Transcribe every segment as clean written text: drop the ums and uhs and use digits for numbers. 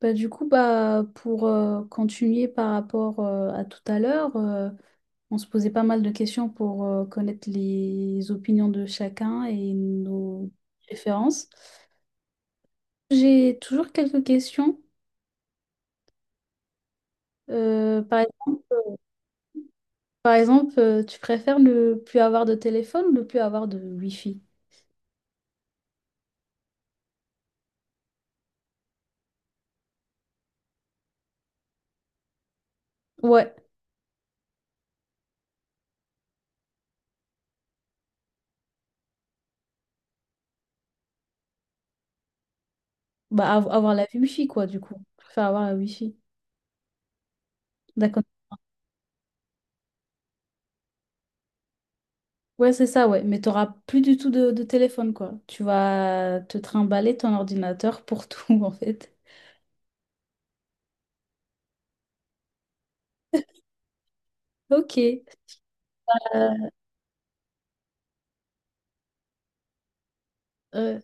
Bah, du coup, pour continuer par rapport à tout à l'heure, on se posait pas mal de questions pour connaître les opinions de chacun et nos préférences. J'ai toujours quelques questions. Euh, par exemple, par exemple, tu préfères ne plus avoir de téléphone ou ne plus avoir de Wi-Fi? Ouais, bah, avoir la Wi-Fi, quoi, du coup. Je préfère avoir la Wi-Fi. D'accord. Ouais, c'est ça, ouais. Mais t'auras plus du tout de téléphone, quoi. Tu vas te trimballer ton ordinateur pour tout, en fait. Ok. Euh,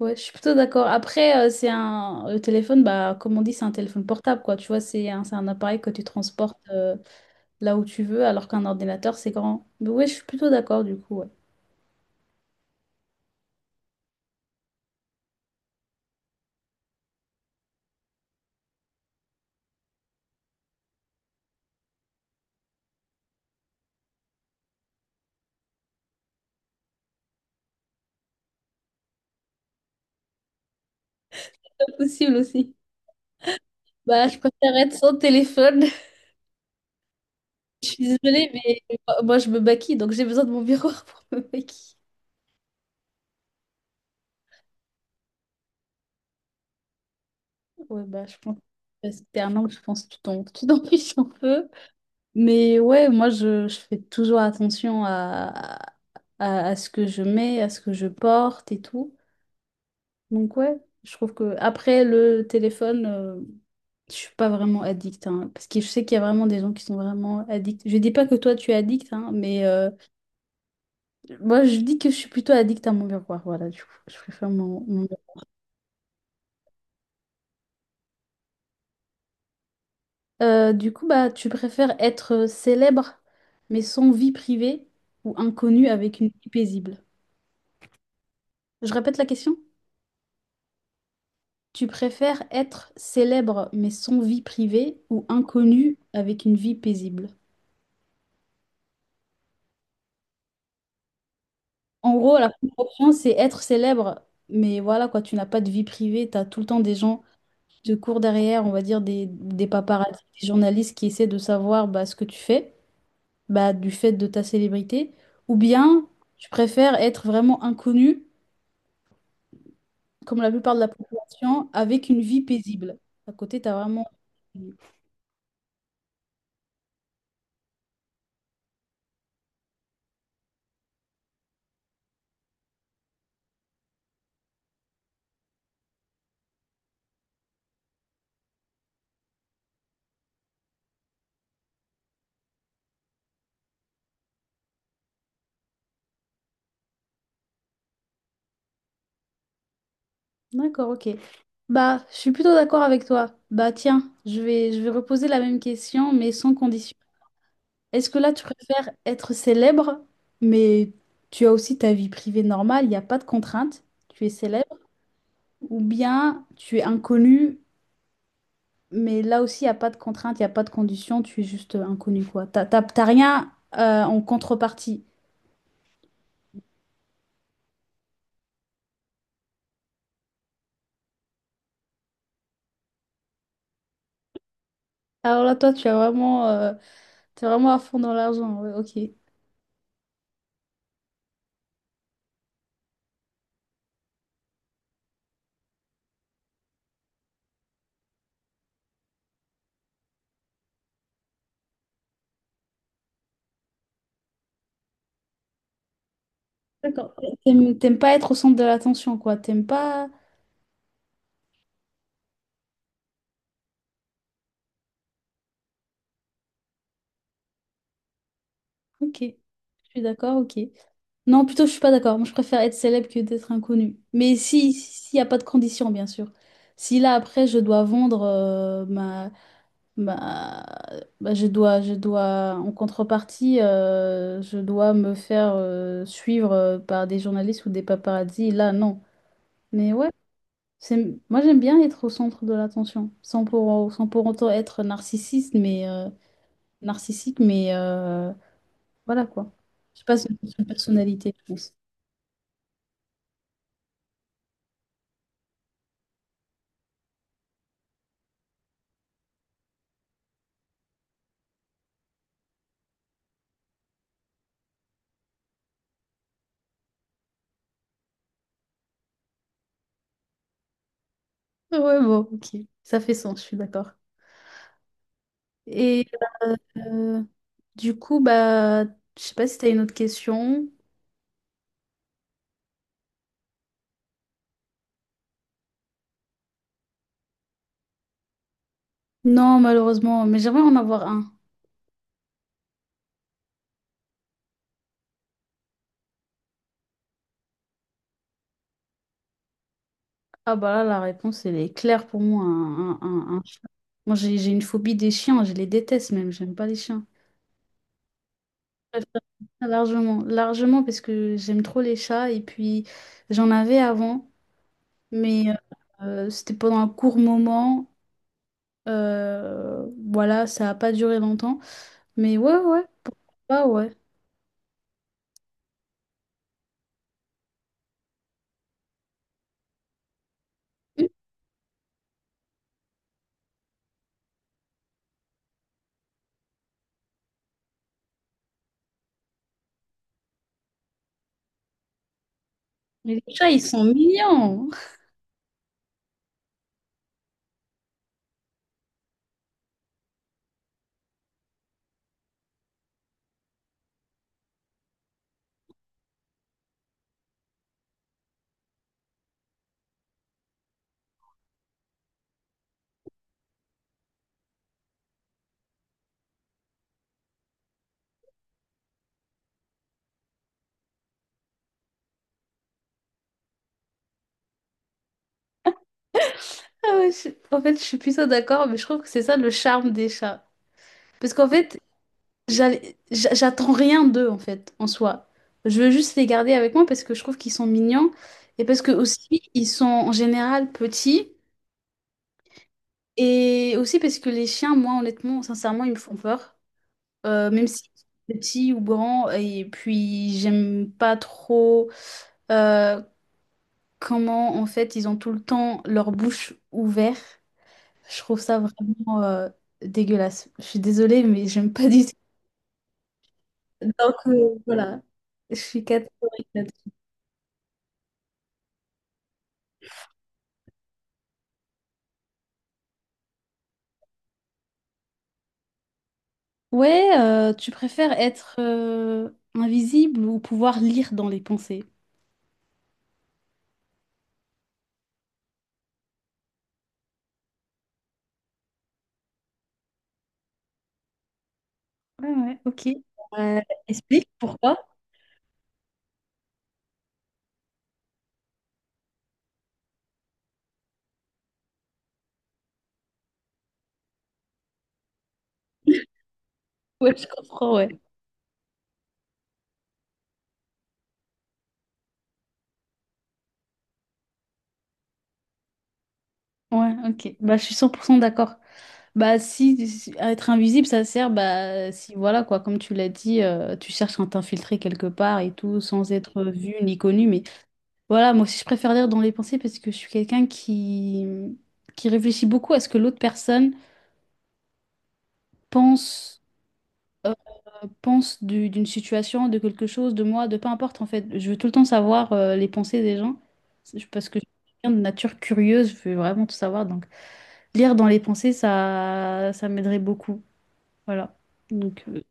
ouais, je suis plutôt d'accord. Après, c'est un... Le téléphone, bah, comme on dit, c'est un téléphone portable, quoi. Tu vois, c'est un appareil que tu transportes là où tu veux, alors qu'un ordinateur, c'est grand. Mais ouais, je suis plutôt d'accord, du coup, ouais. Pas possible aussi. Bah, je préfère être sans téléphone. Je suis désolée, mais moi, je me maquille, donc j'ai besoin de mon miroir pour me maquiller. Ouais, bah, je pense que c'était un an, je pense que tu t'en fiches un peu. Mais ouais, moi, je fais toujours attention à ce que je mets, à ce que je porte et tout. Donc ouais, je trouve que après le téléphone, je suis pas vraiment addict, hein, parce que je sais qu'il y a vraiment des gens qui sont vraiment addicts. Je dis pas que toi, tu es addict, hein, mais moi, je dis que je suis plutôt addict à mon miroir. Voilà, du coup, je préfère mon Du coup, tu préfères être célèbre mais sans vie privée ou inconnu avec une vie paisible? Je répète la question. Tu préfères être célèbre mais sans vie privée ou inconnu avec une vie paisible? En gros, la première option, c'est être célèbre, mais voilà quoi, tu n'as pas de vie privée, tu as tout le temps des gens qui te courent derrière, on va dire des paparazzi, des journalistes qui essaient de savoir bah, ce que tu fais, bah, du fait de ta célébrité. Ou bien, tu préfères être vraiment inconnu comme la plupart de la population, avec une vie paisible. À côté, tu as vraiment... D'accord, ok. Bah, je suis plutôt d'accord avec toi. Bah, tiens, je vais reposer la même question, mais sans condition. Est-ce que là, tu préfères être célèbre, mais tu as aussi ta vie privée normale, il n'y a pas de contrainte, tu es célèbre, ou bien tu es inconnu, mais là aussi, il n'y a pas de contrainte, il n'y a pas de condition, tu es juste inconnu, quoi. T'as rien en contrepartie. Alors là, toi, tu as vraiment... T'es vraiment à fond dans l'argent, ouais, ok. D'accord. T'aimes pas être au centre de l'attention, quoi. T'aimes pas... Ok. Je suis d'accord, ok. Non, plutôt, je suis pas d'accord. Moi, je préfère être célèbre que d'être inconnu. Mais si, s'il n'y a pas de condition, bien sûr. Si là, après, je dois vendre ma... bah, je dois, en contrepartie, je dois me faire suivre par des journalistes ou des paparazzis, là, non. Mais ouais. C'est- Moi, j'aime bien être au centre de l'attention, sans pour autant être narcissiste, mais narcissique, mais voilà quoi. Je passe une question de personnalité, je pense. Ouais, bon, ok. Ça fait sens, je suis d'accord. Et euh, euh, du coup, bah, je sais pas si t'as une autre question. Non, malheureusement, mais j'aimerais en avoir un. Ah bah là, la réponse, elle est claire pour moi. Un chien. Moi, j'ai une phobie des chiens, je les déteste même, j'aime pas les chiens. Largement, largement parce que j'aime trop les chats et puis j'en avais avant, mais c'était pendant un court moment. euh, voilà, ça a pas duré longtemps. Mais ouais, ah ouais. Hum. Mais les chats, ils sont mignons. Ah ouais, je- En fait, je suis plutôt d'accord, mais je trouve que c'est ça le charme des chats. Parce qu'en fait, j'attends rien d'eux, en fait, en soi. Je veux juste les garder avec moi parce que je trouve qu'ils sont mignons et parce que aussi, ils sont en général petits. Et aussi parce que les chiens, moi, honnêtement, sincèrement, ils me font peur. Même si petits ou grands. Et puis, j'aime pas trop euh, comment, en fait, ils ont tout le temps leur bouche ouverte. Je trouve ça vraiment dégueulasse. Je suis désolée, mais j'aime pas du tout. Donc, voilà. Je suis catégorique là-dessus. Ouais, tu préfères être invisible ou pouvoir lire dans les pensées? Ouais, ouais, ok. Euh, explique pourquoi? Ouais, je comprends, ouais. Ouais, ok. Bah, je suis 100% d'accord. Bah, si, si- à être invisible, ça sert, bah, si, voilà, quoi, comme tu l'as dit, tu cherches à t'infiltrer quelque part et tout, sans être vu ni connu. Mais voilà, moi aussi, je préfère lire dans les pensées parce que je suis quelqu'un qui réfléchit beaucoup à ce que l'autre personne pense, euh, pense d'une situation, de quelque chose, de moi, de peu importe, en fait. Je veux tout le temps savoir les pensées des gens. C'est- parce que je suis quelqu'un de nature curieuse, je veux vraiment tout savoir. Donc. Lire dans les pensées, ça ça m'aiderait beaucoup. Voilà. Donc. Euh,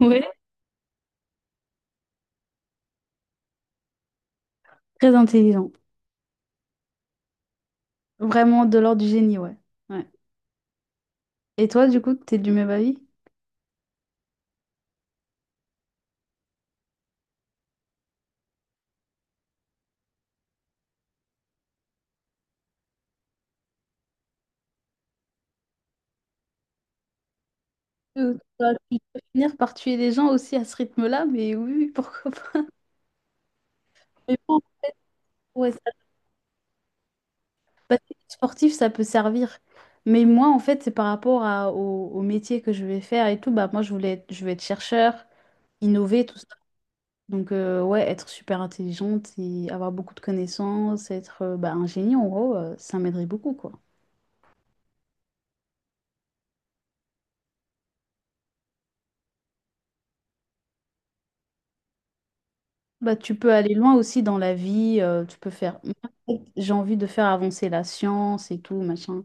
Ouais. Très intelligent. Vraiment de l'ordre du génie, ouais. Ouais. Et toi, du coup, t'es du même avis? Euh, ça va finir par tuer les gens aussi à ce rythme-là, mais oui, oui, pourquoi pas. Mais bon, ouais, ça, parce que sportif, ça peut servir. Mais moi, en fait, c'est par rapport à, au, au métier que je vais faire et tout. Bah, moi, je vais être chercheur, innover, tout ça. Donc, ouais, être super intelligente et avoir beaucoup de connaissances, être bah, un génie, en gros, ça m'aiderait beaucoup, quoi. Bah, tu peux aller loin aussi dans la vie, tu peux faire... J'ai envie de faire avancer la science et tout, machin.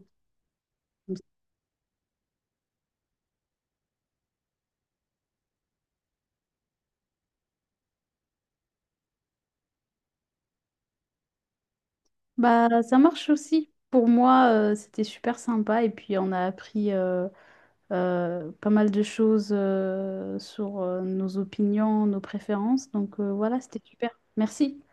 Bah, ça marche aussi. Pour moi, c'était super sympa et puis on a appris pas mal de choses sur nos opinions, nos préférences. Donc, voilà, c'était super. Merci.